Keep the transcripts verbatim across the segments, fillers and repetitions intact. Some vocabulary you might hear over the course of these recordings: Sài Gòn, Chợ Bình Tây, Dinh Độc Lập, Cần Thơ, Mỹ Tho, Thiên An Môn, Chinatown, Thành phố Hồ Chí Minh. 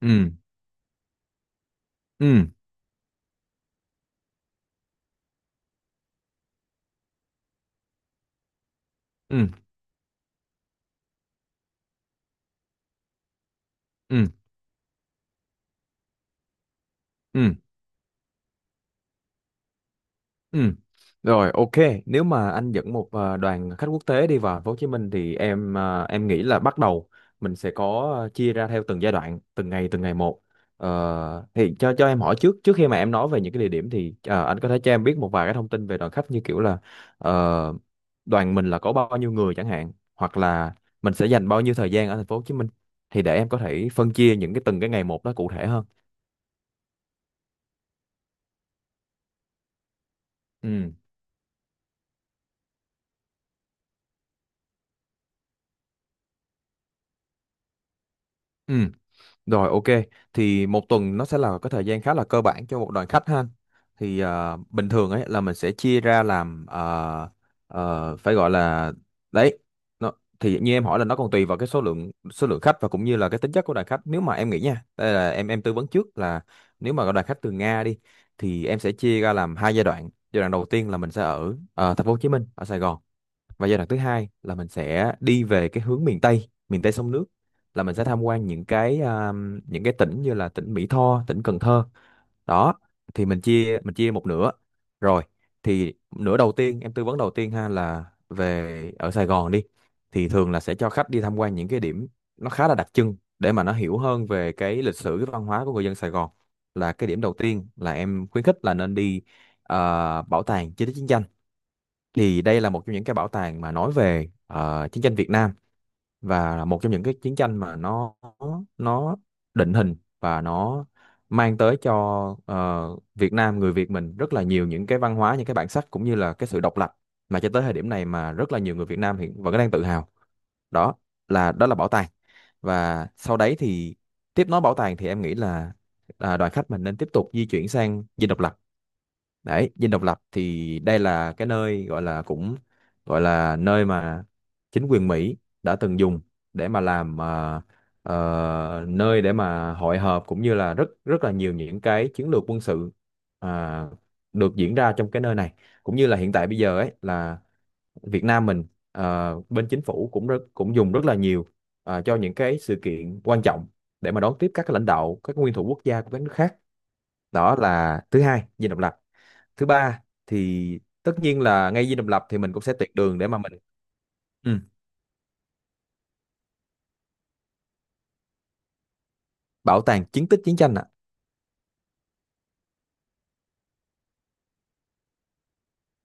Ừ. Ừ. Ừ. Ừ. Ừ. Ừ. Rồi, ok. Nếu mà anh dẫn một ờ, đoàn khách quốc tế đi vào Thành phố Hồ Chí Minh thì em, ờ, em nghĩ là bắt đầu mình sẽ có, ờ, chia ra theo từng giai đoạn, từng ngày từng ngày một. Ờ, thì cho cho em hỏi, trước trước khi mà em nói về những cái địa điểm thì ờ, anh có thể cho em biết một vài cái thông tin về đoàn khách, như kiểu là ờ, đoàn mình là có bao nhiêu người chẳng hạn, hoặc là mình sẽ dành bao nhiêu thời gian ở Thành phố Hồ Chí Minh, thì để em có thể phân chia những cái từng cái ngày một đó cụ thể hơn. Ừ. Ừ. Rồi, ok, thì một tuần nó sẽ là cái thời gian khá là cơ bản cho một đoàn khách ha. Thì ờ, bình thường ấy là mình sẽ chia ra làm, ờ, ờ, phải gọi là đấy. Nó, thì như em hỏi là nó còn tùy vào cái số lượng số lượng khách và cũng như là cái tính chất của đoàn khách. Nếu mà em nghĩ nha, đây là em em tư vấn trước là nếu mà có đoàn khách từ Nga đi thì em sẽ chia ra làm hai giai đoạn. Giai đoạn đầu tiên là mình sẽ ở, ờ, thành phố Hồ Chí Minh, ở Sài Gòn, và giai đoạn thứ hai là mình sẽ đi về cái hướng miền Tây, miền Tây sông nước, là mình sẽ tham quan những cái, à, những cái tỉnh như là tỉnh Mỹ Tho, tỉnh Cần Thơ đó. Thì mình chia mình chia một nửa rồi. Thì nửa đầu tiên em tư vấn đầu tiên ha là về ở Sài Gòn đi, thì thường là sẽ cho khách đi tham quan những cái điểm nó khá là đặc trưng để mà nó hiểu hơn về cái lịch sử, cái văn hóa của người dân Sài Gòn. Là cái điểm đầu tiên là em khuyến khích là nên đi, à, bảo tàng chiến tích chiến tranh. Thì đây là một trong những cái bảo tàng mà nói về ờ, chiến tranh Việt Nam, và là một trong những cái chiến tranh mà nó nó định hình và nó mang tới cho ờ, Việt Nam, người Việt mình, rất là nhiều những cái văn hóa, những cái bản sắc, cũng như là cái sự độc lập mà cho tới thời điểm này mà rất là nhiều người Việt Nam hiện vẫn đang tự hào. Đó là, đó là bảo tàng. Và sau đấy thì tiếp nối bảo tàng thì em nghĩ là, à, đoàn khách mình nên tiếp tục di chuyển sang Dinh Độc Lập. Đấy, Dinh Độc Lập thì đây là cái nơi gọi là cũng gọi là nơi mà chính quyền Mỹ đã từng dùng để mà làm, ờ, ờ, nơi để mà hội họp, cũng như là rất rất là nhiều những cái chiến lược quân sự, à, được diễn ra trong cái nơi này. Cũng như là hiện tại bây giờ ấy là Việt Nam mình, ờ, bên chính phủ cũng rất cũng dùng rất là nhiều ờ, cho những cái sự kiện quan trọng để mà đón tiếp các lãnh đạo, các nguyên thủ quốc gia của các nước khác. Đó là thứ hai, Dinh Độc Lập. Thứ ba thì tất nhiên là ngay Dinh Độc Lập thì mình cũng sẽ tuyệt đường để mà mình... Ừ. Bảo tàng chiến tích chiến tranh ạ.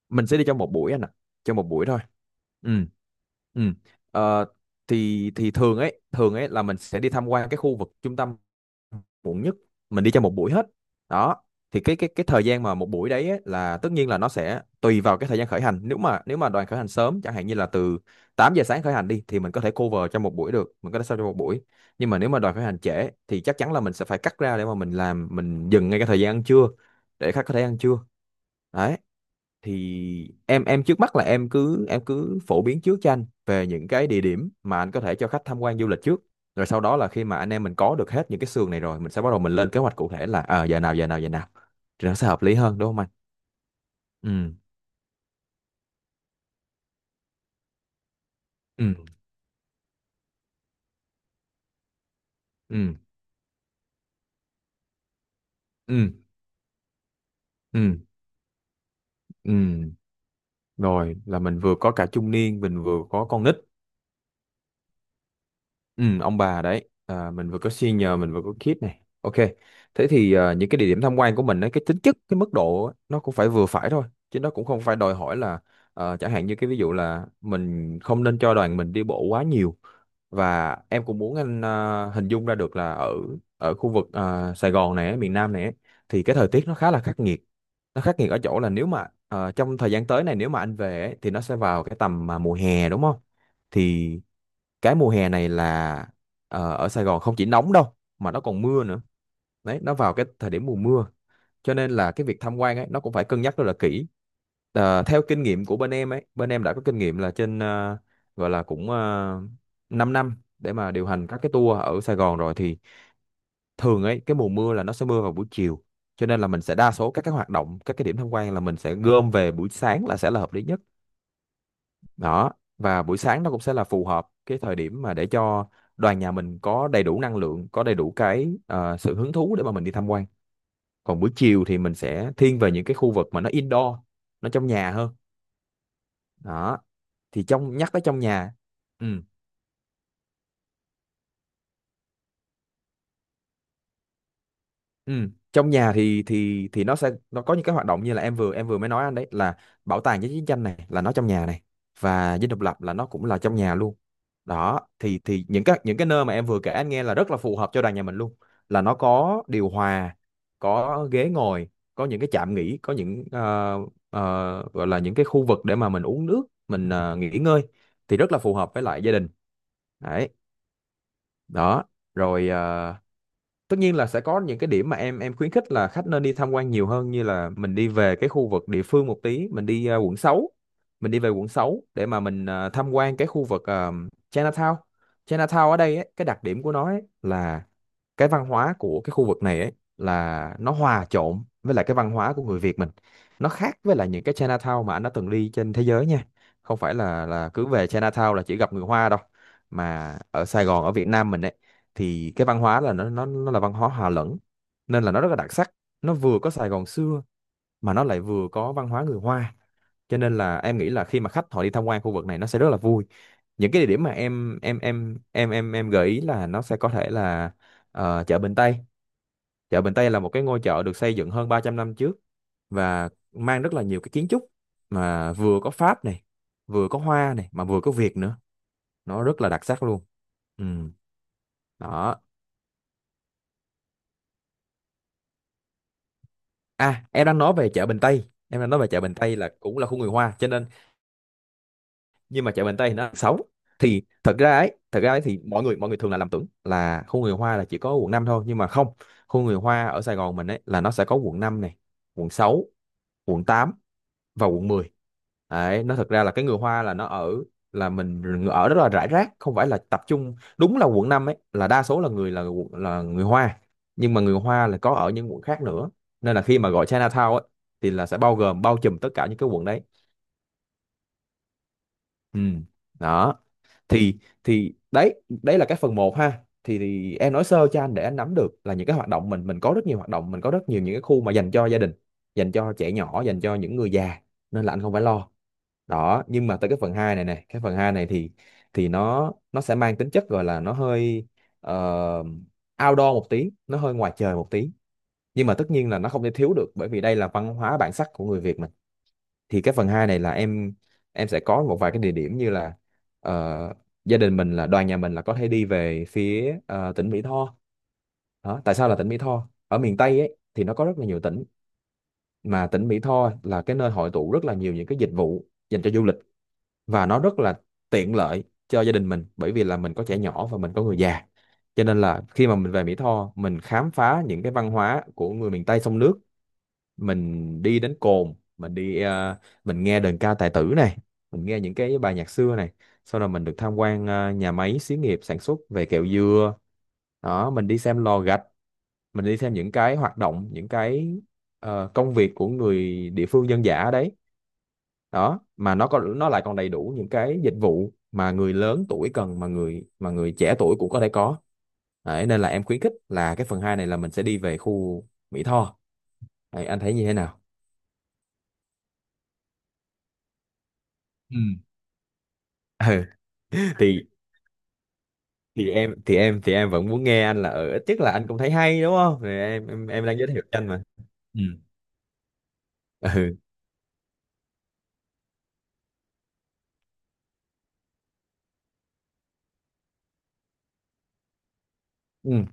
Mình sẽ đi trong một buổi anh ạ, trong một buổi thôi. Ừ. Ừ. Ờ, thì thì thường ấy thường ấy là mình sẽ đi tham quan cái khu vực trung tâm, muộn nhất mình đi cho một buổi hết đó. Thì cái cái cái thời gian mà một buổi đấy ấy, là tất nhiên là nó sẽ tùy vào cái thời gian khởi hành. Nếu mà nếu mà đoàn khởi hành sớm chẳng hạn như là từ tám giờ sáng khởi hành đi thì mình có thể cover cho một buổi được, mình có thể sao cho một buổi. Nhưng mà nếu mà đoàn khởi hành trễ thì chắc chắn là mình sẽ phải cắt ra để mà mình làm, mình dừng ngay cái thời gian ăn trưa để khách có thể ăn trưa. Đấy, thì em em trước mắt là em cứ em cứ phổ biến trước cho anh về những cái địa điểm mà anh có thể cho khách tham quan du lịch trước, rồi sau đó là khi mà anh em mình có được hết những cái sườn này rồi mình sẽ bắt đầu mình lên kế hoạch cụ thể là ờ giờ nào, giờ nào, giờ nào, thì nó sẽ hợp lý hơn đúng không anh. Ừ. Ừ. Ừ. Ừ. Ừ. Ừ. Rồi là mình vừa có cả trung niên mình vừa có con nít. Ừ, ông bà đấy à, mình vừa có senior mình vừa có kid này, ok. Thế thì à, những cái địa điểm tham quan của mình ấy, cái tính chất, cái mức độ ấy, nó cũng phải vừa phải thôi, chứ nó cũng không phải đòi hỏi là ờ, chẳng hạn như cái ví dụ là mình không nên cho đoàn mình đi bộ quá nhiều. Và em cũng muốn anh, à, hình dung ra được là ở ở khu vực, à, Sài Gòn này ấy, miền Nam này ấy, thì cái thời tiết nó khá là khắc nghiệt. Nó khắc nghiệt ở chỗ là nếu mà ờ, trong thời gian tới này, nếu mà anh về ấy, thì nó sẽ vào cái tầm mà mùa hè đúng không. Thì cái mùa hè này là ờ, ở Sài Gòn không chỉ nóng đâu mà nó còn mưa nữa. Đấy, nó vào cái thời điểm mùa mưa, cho nên là cái việc tham quan ấy nó cũng phải cân nhắc rất là kỹ. Ờ, theo kinh nghiệm của bên em ấy, bên em đã có kinh nghiệm là trên, ờ, gọi là cũng uh, 5 năm để mà điều hành các cái tour ở Sài Gòn rồi. Thì thường ấy cái mùa mưa là nó sẽ mưa vào buổi chiều, cho nên là mình sẽ đa số các cái hoạt động, các cái điểm tham quan là mình sẽ gom về buổi sáng, là sẽ là hợp lý nhất đó. Và buổi sáng nó cũng sẽ là phù hợp cái thời điểm mà để cho đoàn nhà mình có đầy đủ năng lượng, có đầy đủ cái ờ, sự hứng thú để mà mình đi tham quan. Còn buổi chiều thì mình sẽ thiên về những cái khu vực mà nó indoor, nó trong nhà hơn đó. Thì trong, nhắc tới trong nhà. Ừ. Ừ. Trong nhà thì thì thì nó sẽ nó có những cái hoạt động như là em vừa em vừa mới nói anh đấy, là bảo tàng với chiến tranh này là nó trong nhà này, và Dinh Độc Lập là nó cũng là trong nhà luôn. Đó thì thì những cái những cái nơi mà em vừa kể anh nghe là rất là phù hợp cho đoàn nhà mình luôn, là nó có điều hòa, có ghế ngồi, có những cái trạm nghỉ, có những ờ, ờ, gọi là những cái khu vực để mà mình uống nước, mình ờ, nghỉ ngơi. Thì rất là phù hợp với lại gia đình đấy đó. Rồi ờ, tất nhiên là sẽ có những cái điểm mà em em khuyến khích là khách nên đi tham quan nhiều hơn, như là mình đi về cái khu vực địa phương một tí, mình đi ờ, quận sáu. Mình đi về quận sáu để mà mình ờ, tham quan cái khu vực, ờ, Chinatown. Chinatown ở đây ấy, cái đặc điểm của nó ấy là cái văn hóa của cái khu vực này ấy là nó hòa trộn với lại cái văn hóa của người Việt mình. Nó khác với lại những cái Chinatown mà anh đã từng đi trên thế giới nha, không phải là là cứ về Chinatown là chỉ gặp người Hoa đâu, mà ở Sài Gòn, ở Việt Nam mình ấy, thì cái văn hóa là nó nó nó là văn hóa hòa lẫn, nên là nó rất là đặc sắc. Nó vừa có Sài Gòn xưa, mà nó lại vừa có văn hóa người Hoa, cho nên là em nghĩ là khi mà khách họ đi tham quan khu vực này nó sẽ rất là vui. Những cái địa điểm mà em em em em em em gợi ý là nó sẽ có thể là ờ, chợ Bình Tây. Chợ Bình Tây là một cái ngôi chợ được xây dựng hơn ba trăm năm trước, và mang rất là nhiều cái kiến trúc mà vừa có Pháp này, vừa có Hoa này, mà vừa có Việt nữa. Nó rất là đặc sắc luôn. Ừ. Đó. À, em đang nói về chợ Bình Tây. Em đang nói về chợ Bình Tây là cũng là khu người Hoa, cho nên nhưng mà chợ Bình Tây thì nó là xấu. Thì thật ra ấy, thật ra ấy thì mọi người mọi người thường là lầm tưởng là khu người Hoa là chỉ có quận năm thôi, nhưng mà không. Khu người Hoa ở Sài Gòn mình ấy là nó sẽ có quận năm này, quận sáu, quận tám vào quận mười. Đấy, nó thật ra là cái người Hoa là nó ở là mình ở rất là rải rác, không phải là tập trung, đúng là quận năm ấy là đa số là người là quận- là người Hoa, nhưng mà người Hoa là có ở những quận khác nữa, nên là khi mà gọi Chinatown ấy thì là sẽ bao gồm bao trùm tất cả những cái quận đấy. Ừ. Đó. thì thì đấy, đấy là cái phần một ha, thì, thì em nói sơ cho anh để anh nắm được là những cái hoạt động, mình mình có rất nhiều hoạt động, mình có rất nhiều những cái khu mà dành cho gia đình, dành cho trẻ nhỏ, dành cho những người già, nên là anh không phải lo. Đó, nhưng mà tới cái phần hai này, này cái phần hai này thì thì nó nó sẽ mang tính chất gọi là nó hơi ờ, outdoor một tí, nó hơi ngoài trời một tí, nhưng mà tất nhiên là nó không thể thiếu được bởi vì đây là văn hóa bản sắc của người Việt mình. Thì cái phần hai này là em em sẽ có một vài cái địa điểm như là ờ, gia đình mình là đoàn nhà mình là có thể đi về phía ờ, tỉnh Mỹ Tho. Đó, tại sao là tỉnh Mỹ Tho, ở miền Tây ấy thì nó có rất là nhiều tỉnh mà tỉnh Mỹ Tho là cái nơi hội tụ rất là nhiều những cái dịch vụ dành cho du lịch, và nó rất là tiện lợi cho gia đình mình bởi vì là mình có trẻ nhỏ và mình có người già. Cho nên là khi mà mình về Mỹ Tho, mình khám phá những cái văn hóa của người miền Tây sông nước, mình đi đến cồn, mình đi ờ, mình nghe đờn ca tài tử này, mình nghe những cái bài nhạc xưa này, sau đó mình được tham quan ờ, nhà máy xí nghiệp sản xuất về kẹo dừa. Đó, mình đi xem lò gạch, mình đi xem những cái hoạt động, những cái ờ, công việc của người địa phương dân dã ở đấy. Đó, mà nó còn, nó lại còn đầy đủ những cái dịch vụ mà người lớn tuổi cần mà người mà người trẻ tuổi cũng có thể có. Đấy, nên là em khuyến khích là cái phần hai này là mình sẽ đi về khu Mỹ Tho. Đấy, anh thấy như thế nào. Ừ. Ừ, thì thì em thì em thì em vẫn muốn nghe anh là ở ít nhất là anh cũng thấy hay đúng không, thì em em, em đang giới thiệu cho anh mà. Ừ. Ừ. Ừ.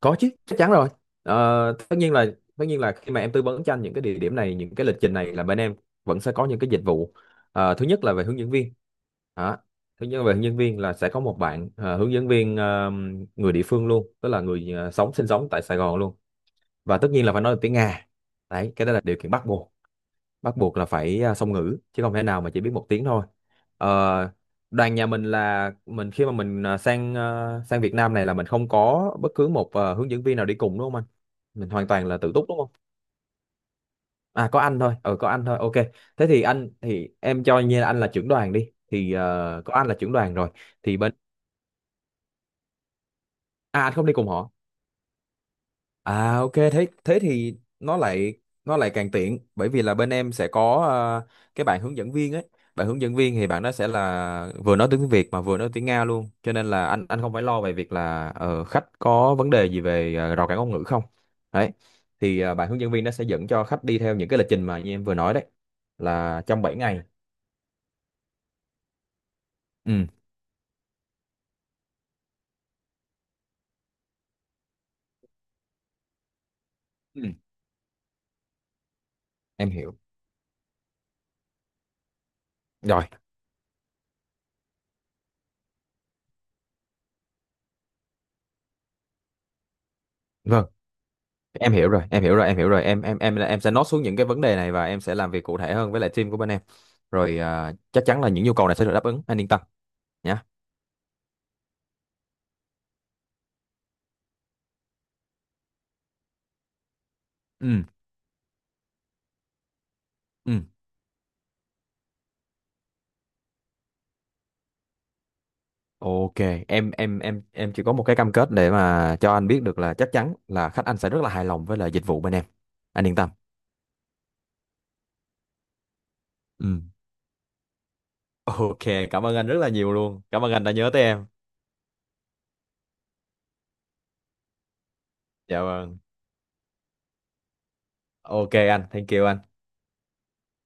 Có chứ, chắc chắn rồi. Ờ, tất nhiên là tất nhiên là khi mà em tư vấn cho anh những cái địa điểm này, những cái lịch trình này, là bên em vẫn sẽ có những cái dịch vụ. Ờ, thứ nhất là về hướng dẫn viên. Đó. Thứ nhất là về hướng dẫn viên là sẽ có một bạn ờ, hướng dẫn viên, ờ, người địa phương luôn, tức là người ờ, sống sinh sống tại Sài Gòn luôn. Và tất nhiên là phải nói được tiếng Nga. Đấy, cái đó là điều kiện bắt buộc. Bắt buộc là phải à, song ngữ chứ không thể nào mà chỉ biết một tiếng thôi. Ờ, đoàn nhà mình là mình khi mà mình à, sang à, sang Việt Nam này là mình không có bất cứ một à, hướng dẫn viên nào đi cùng đúng không anh. Mình hoàn toàn là tự túc đúng không. À có anh thôi, ờ có anh thôi, ok. Thế thì anh, thì em cho như là anh là trưởng đoàn đi thì ờ, có anh là trưởng đoàn rồi. Thì bên À anh không đi cùng họ. À ok, thế thế thì nó lại, nó lại càng tiện bởi vì là bên em sẽ có ờ, cái bạn hướng dẫn viên ấy. Bạn hướng dẫn viên thì bạn đó sẽ là vừa nói tiếng Việt mà vừa nói tiếng Nga luôn. Cho nên là anh anh không phải lo về việc là ờ, khách có vấn đề gì về ờ, rào cản ngôn ngữ không. Đấy. Thì ờ, bạn hướng dẫn viên nó sẽ dẫn cho khách đi theo những cái lịch trình mà như em vừa nói đấy, là trong bảy ngày. Ừ. Ừ. Em hiểu. Rồi. Vâng, em hiểu rồi, em hiểu rồi em hiểu rồi em em em em sẽ note xuống những cái vấn đề này và em sẽ làm việc cụ thể hơn với lại team của bên em. Rồi, à, chắc chắn là những nhu cầu này sẽ được đáp ứng, anh yên tâm nhá. Ừ. Ừ. Ok. Em em em em chỉ có một cái cam kết để mà cho anh biết được là chắc chắn là khách anh sẽ rất là hài lòng với lại dịch vụ bên em, anh yên tâm. Ừ. Ok, cảm ơn anh rất là nhiều luôn, cảm ơn anh đã nhớ tới em. Dạ vâng, ok anh, thank you anh.